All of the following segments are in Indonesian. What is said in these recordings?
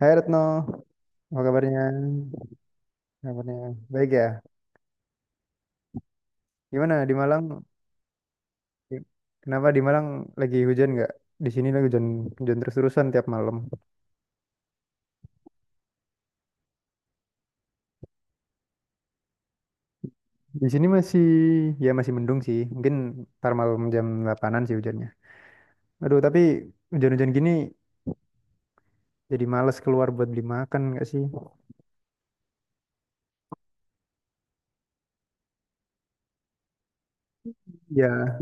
Hai Retno, apa kabarnya? Kabarnya baik ya? Gimana di Malang? Di- Kenapa di Malang lagi hujan nggak? Di sini lagi hujan hujan terus-terusan tiap malam. Di sini masih ya masih mendung sih. Mungkin ntar malam jam 8-an sih hujannya. Aduh, tapi hujan-hujan gini jadi males keluar buat beli makan nggak sih? Ya,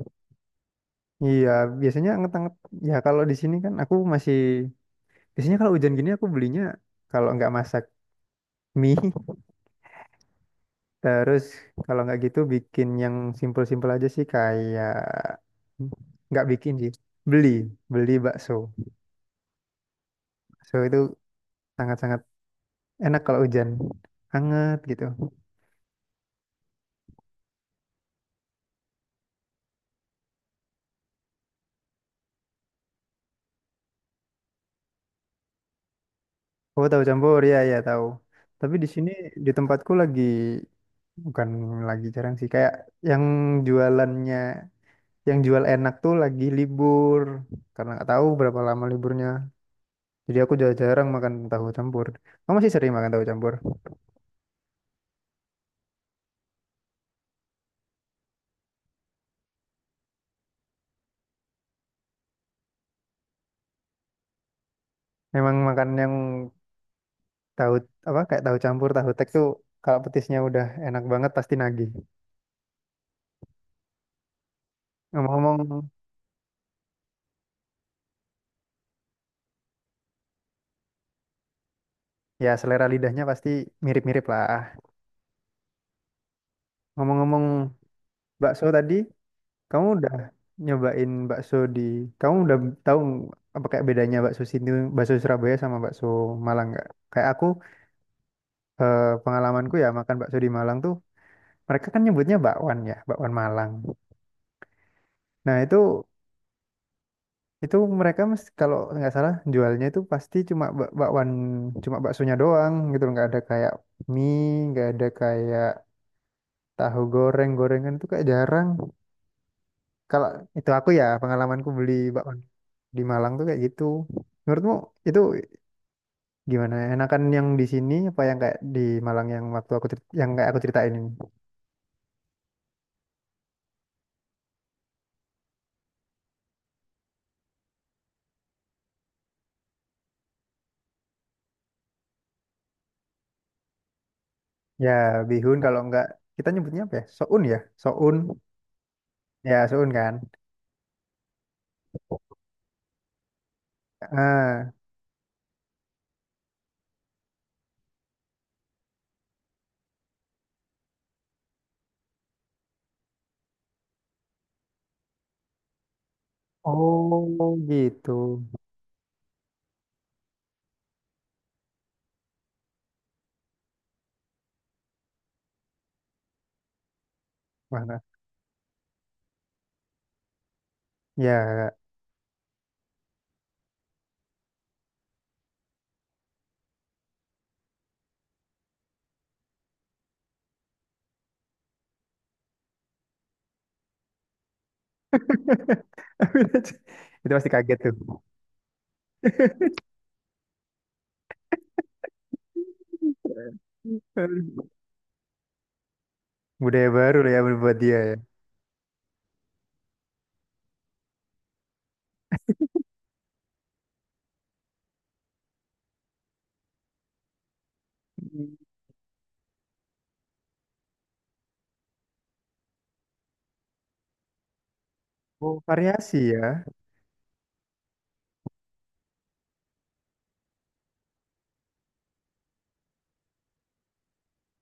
iya, biasanya anget-anget. Ya kalau di sini kan aku masih biasanya kalau hujan gini aku belinya kalau nggak masak mie, Terus kalau nggak gitu bikin yang simpel-simpel aja sih kayak nggak bikin sih beli beli bakso. Bakso itu sangat-sangat enak kalau hujan hangat gitu. Oh, tahu campur, ya, ya tahu, tapi di sini di tempatku lagi bukan lagi jarang sih kayak yang jualannya, yang jual enak tuh lagi libur karena nggak tahu berapa lama liburnya. Jadi aku udah jarang makan tahu campur. Kamu masih sering makan tahu campur? Memang makan yang tahu apa kayak tahu campur tahu tek tuh kalau petisnya udah enak banget pasti nagih. Ngomong-ngomong, ya, selera lidahnya pasti mirip-mirip lah. Ngomong-ngomong, bakso tadi, kamu udah nyobain bakso di, kamu udah tahu apa kayak bedanya bakso sini, bakso Surabaya sama bakso Malang nggak? Kayak aku, pengalamanku ya makan bakso di Malang tuh mereka kan nyebutnya bakwan, ya, bakwan Malang, nah itu. Itu mereka kalau nggak salah jualnya itu pasti cuma bakwan, cuma baksonya doang gitu loh. Nggak ada kayak mie, nggak ada kayak tahu goreng, gorengan itu kayak jarang. Kalau itu aku ya pengalamanku beli bakwan di Malang tuh kayak gitu. Menurutmu itu gimana? Enakan yang di sini apa yang kayak di Malang yang waktu aku yang kayak aku ceritain ini? Ya bihun, kalau nggak kita nyebutnya apa ya? Soun ya, soun. Ya soun kan. Ah, oh gitu. Wah, ya, itu pasti kaget tuh. Budaya baru lah ya buat dia ya. Hmm. Oh, variasi ya.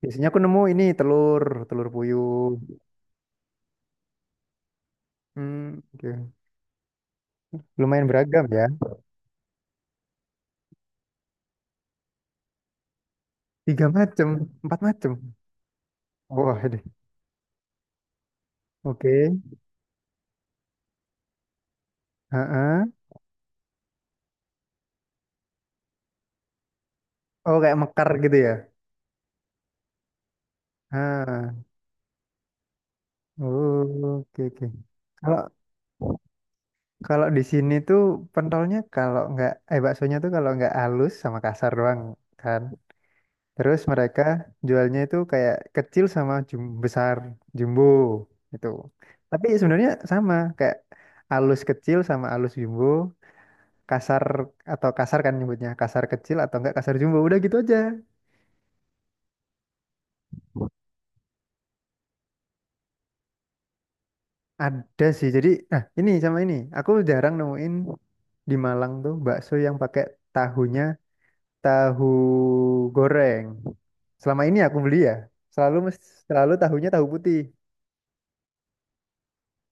Biasanya aku nemu ini telur, telur puyuh. Hmm, oke. Lumayan beragam ya. Tiga macem, empat macem. Wah, aduh. Oke. Heeh. Oh, kayak mekar gitu ya. Ah, oh, oke oke. Kalau kalau di sini tuh pentolnya kalau nggak baksonya tuh kalau nggak halus sama kasar doang kan. Terus mereka jualnya itu kayak kecil sama besar, jumbo itu. Tapi sebenarnya sama kayak alus kecil sama alus jumbo, kasar atau kasar kan nyebutnya, kasar kecil atau enggak kasar jumbo, udah gitu aja. Ada sih. Jadi nah ini sama ini, aku jarang nemuin di Malang tuh bakso yang pakai tahunya tahu goreng. Selama ini aku beli ya, selalu selalu tahunya tahu putih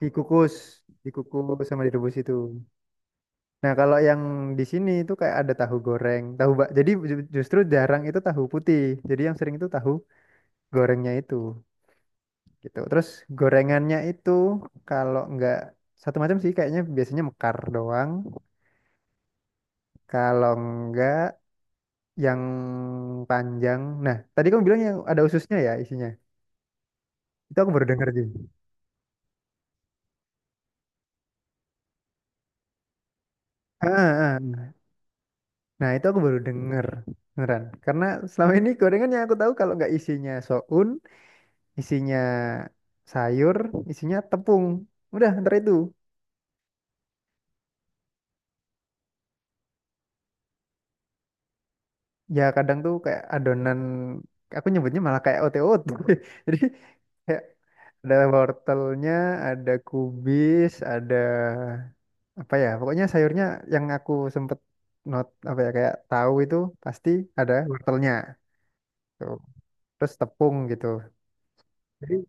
dikukus, dikukus sama direbus itu. Nah, kalau yang di sini itu kayak ada tahu goreng, tahu bak. Jadi justru jarang itu tahu putih. Jadi yang sering itu tahu gorengnya itu gitu. Terus gorengannya itu kalau nggak satu macam sih kayaknya, biasanya mekar doang. Kalau nggak yang panjang. Nah, tadi kamu bilang yang ada ususnya ya isinya. Itu aku baru dengar sih. Ah, ah, ah. Nah, itu aku baru denger. Beneran. Karena selama ini gorengan yang aku tahu kalau nggak isinya soun, isinya sayur, isinya tepung. Udah, ntar itu. Ya kadang tuh kayak adonan, aku nyebutnya malah kayak otot. Jadi kayak ada wortelnya, ada kubis, ada apa ya? Pokoknya sayurnya yang aku sempet not apa ya kayak tahu itu pasti ada wortelnya. Tuh. Terus tepung gitu. Jadi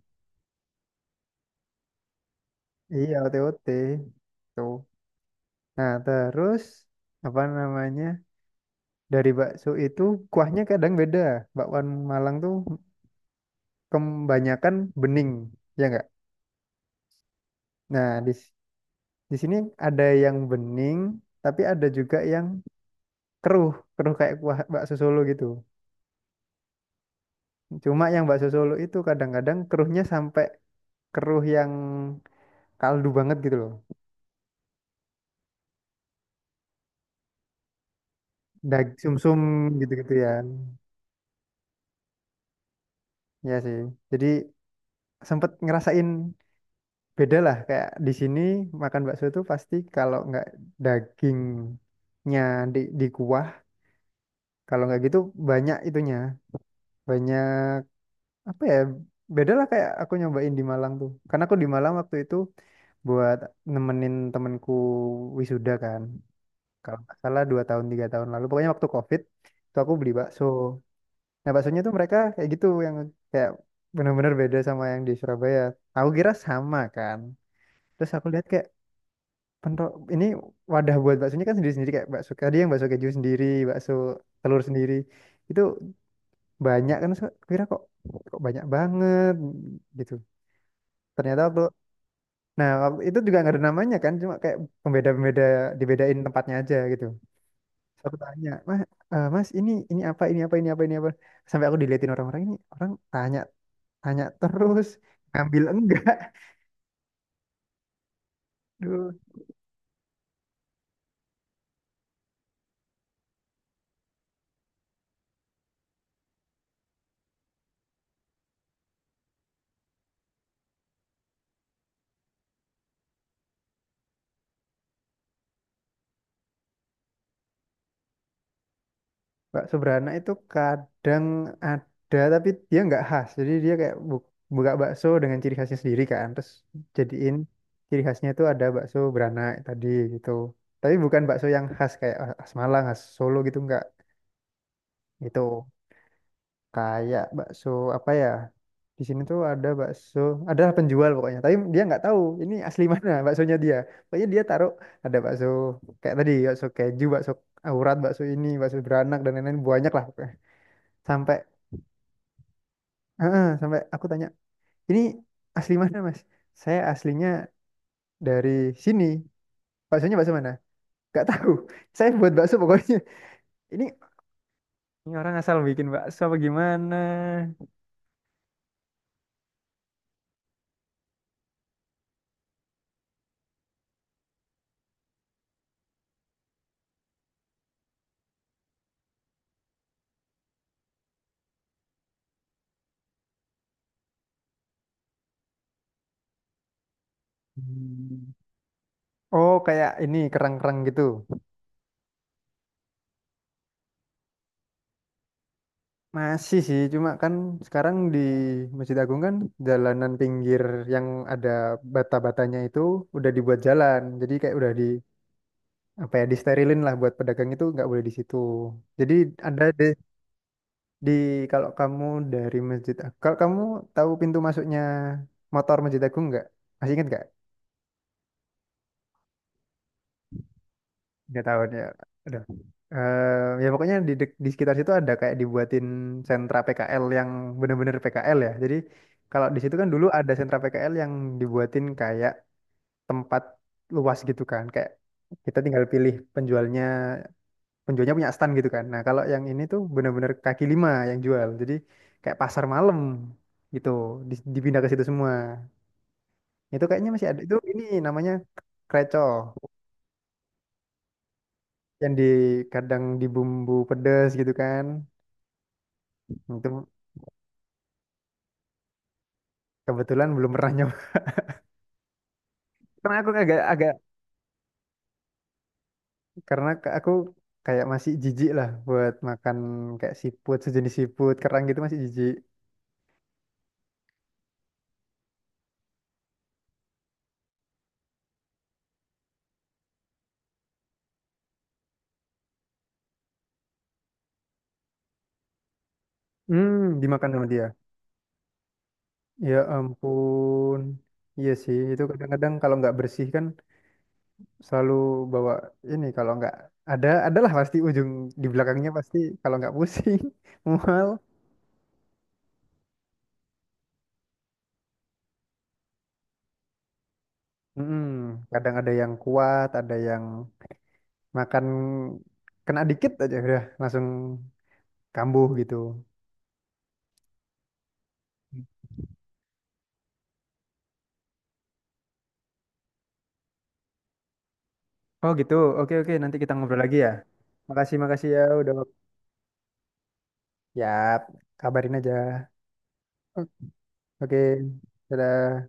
iya otot. Tuh. Nah, terus apa namanya? Dari bakso itu kuahnya kadang beda. Bakwan Malang tuh kebanyakan bening, ya nggak? Nah, di sini ada yang bening, tapi ada juga yang keruh, keruh kayak kuah bakso Solo gitu. Cuma yang bakso Solo itu kadang-kadang keruhnya sampai keruh yang kaldu banget gitu loh. Dag sumsum gitu-gitu ya. Ya sih. Jadi sempet ngerasain beda lah. Kayak di sini makan bakso itu pasti kalau nggak dagingnya di kuah, kalau nggak gitu banyak itunya, banyak apa ya, beda lah kayak aku nyobain di Malang tuh. Karena aku di Malang waktu itu buat nemenin temenku wisuda kan, kalau nggak salah 2 tahun 3 tahun lalu, pokoknya waktu COVID itu aku beli bakso. Nah baksonya tuh mereka kayak gitu yang kayak benar-benar beda sama yang di Surabaya. Aku kira sama kan, terus aku lihat kayak pentok ini wadah buat baksonya kan sendiri-sendiri, kayak bakso tadi yang bakso keju sendiri, bakso telur sendiri. Itu banyak kan kira kok, kok banyak banget gitu. Ternyata waktu nah waktu itu juga nggak ada namanya kan, cuma kayak pembeda-pembeda, dibedain tempatnya aja gitu. Terus aku tanya, "Mas, Mas ini apa? Ini apa? Ini apa? Ini apa?" Sampai aku diliatin orang-orang ini, orang tanya tanya terus ngambil enggak. Duh. Bakso beranak itu kadang ada tapi dia nggak khas. Jadi dia kayak buka bakso dengan ciri khasnya sendiri kan. Terus jadiin ciri khasnya itu ada bakso beranak tadi gitu. Tapi bukan bakso yang khas kayak khas Malang, khas Solo gitu nggak. Itu kayak bakso apa ya? Di sini tuh ada bakso, ada penjual pokoknya. Tapi dia nggak tahu ini asli mana baksonya dia. Pokoknya dia taruh ada bakso kayak tadi bakso keju, bakso aurat, bakso ini, bakso beranak dan lain-lain banyak lah. Pokoknya sampai heeh, sampai aku tanya, ini asli mana mas? Saya aslinya dari sini. Baksonya bakso mana? Gak tahu. Saya buat bakso pokoknya. Ini, ini orang asal bikin bakso apa gimana? Hmm. Oh, kayak ini kerang-kerang gitu. Masih sih, cuma kan sekarang di Masjid Agung kan jalanan pinggir yang ada bata-batanya itu udah dibuat jalan. Jadi kayak udah di apa ya, disterilin lah buat pedagang itu nggak boleh di situ. Jadi ada deh. Di kalau kamu dari Masjid Agung, kalau kamu tahu pintu masuknya motor Masjid Agung nggak? Masih ingat nggak? Nggak tahu ya. Aduh. Eh, ya pokoknya di sekitar situ ada kayak dibuatin sentra PKL yang bener-bener PKL ya. Jadi kalau di situ kan dulu ada sentra PKL yang dibuatin kayak tempat luas gitu kan. Kayak kita tinggal pilih penjualnya, penjualnya punya stand gitu kan. Nah kalau yang ini tuh bener-bener kaki lima yang jual. Jadi kayak pasar malam gitu. Dipindah ke situ semua. Itu kayaknya masih ada. Itu ini namanya kreco yang di kadang di bumbu pedes gitu kan. Itu kebetulan belum pernah nyoba. Karena aku agak agak, karena aku kayak masih jijik lah buat makan kayak siput, sejenis siput kerang gitu, masih jijik. Hmm, dimakan sama dia. Ya ampun. Iya sih, itu kadang-kadang kalau nggak bersih kan selalu bawa ini kalau nggak ada adalah pasti ujung di belakangnya pasti kalau nggak pusing mual. Mm-mm. Kadang ada yang kuat, ada yang makan kena dikit aja udah langsung kambuh gitu. Oh gitu, oke oke nanti kita ngobrol lagi ya. Makasih makasih ya udah. Ya, kabarin aja. Oke, dadah.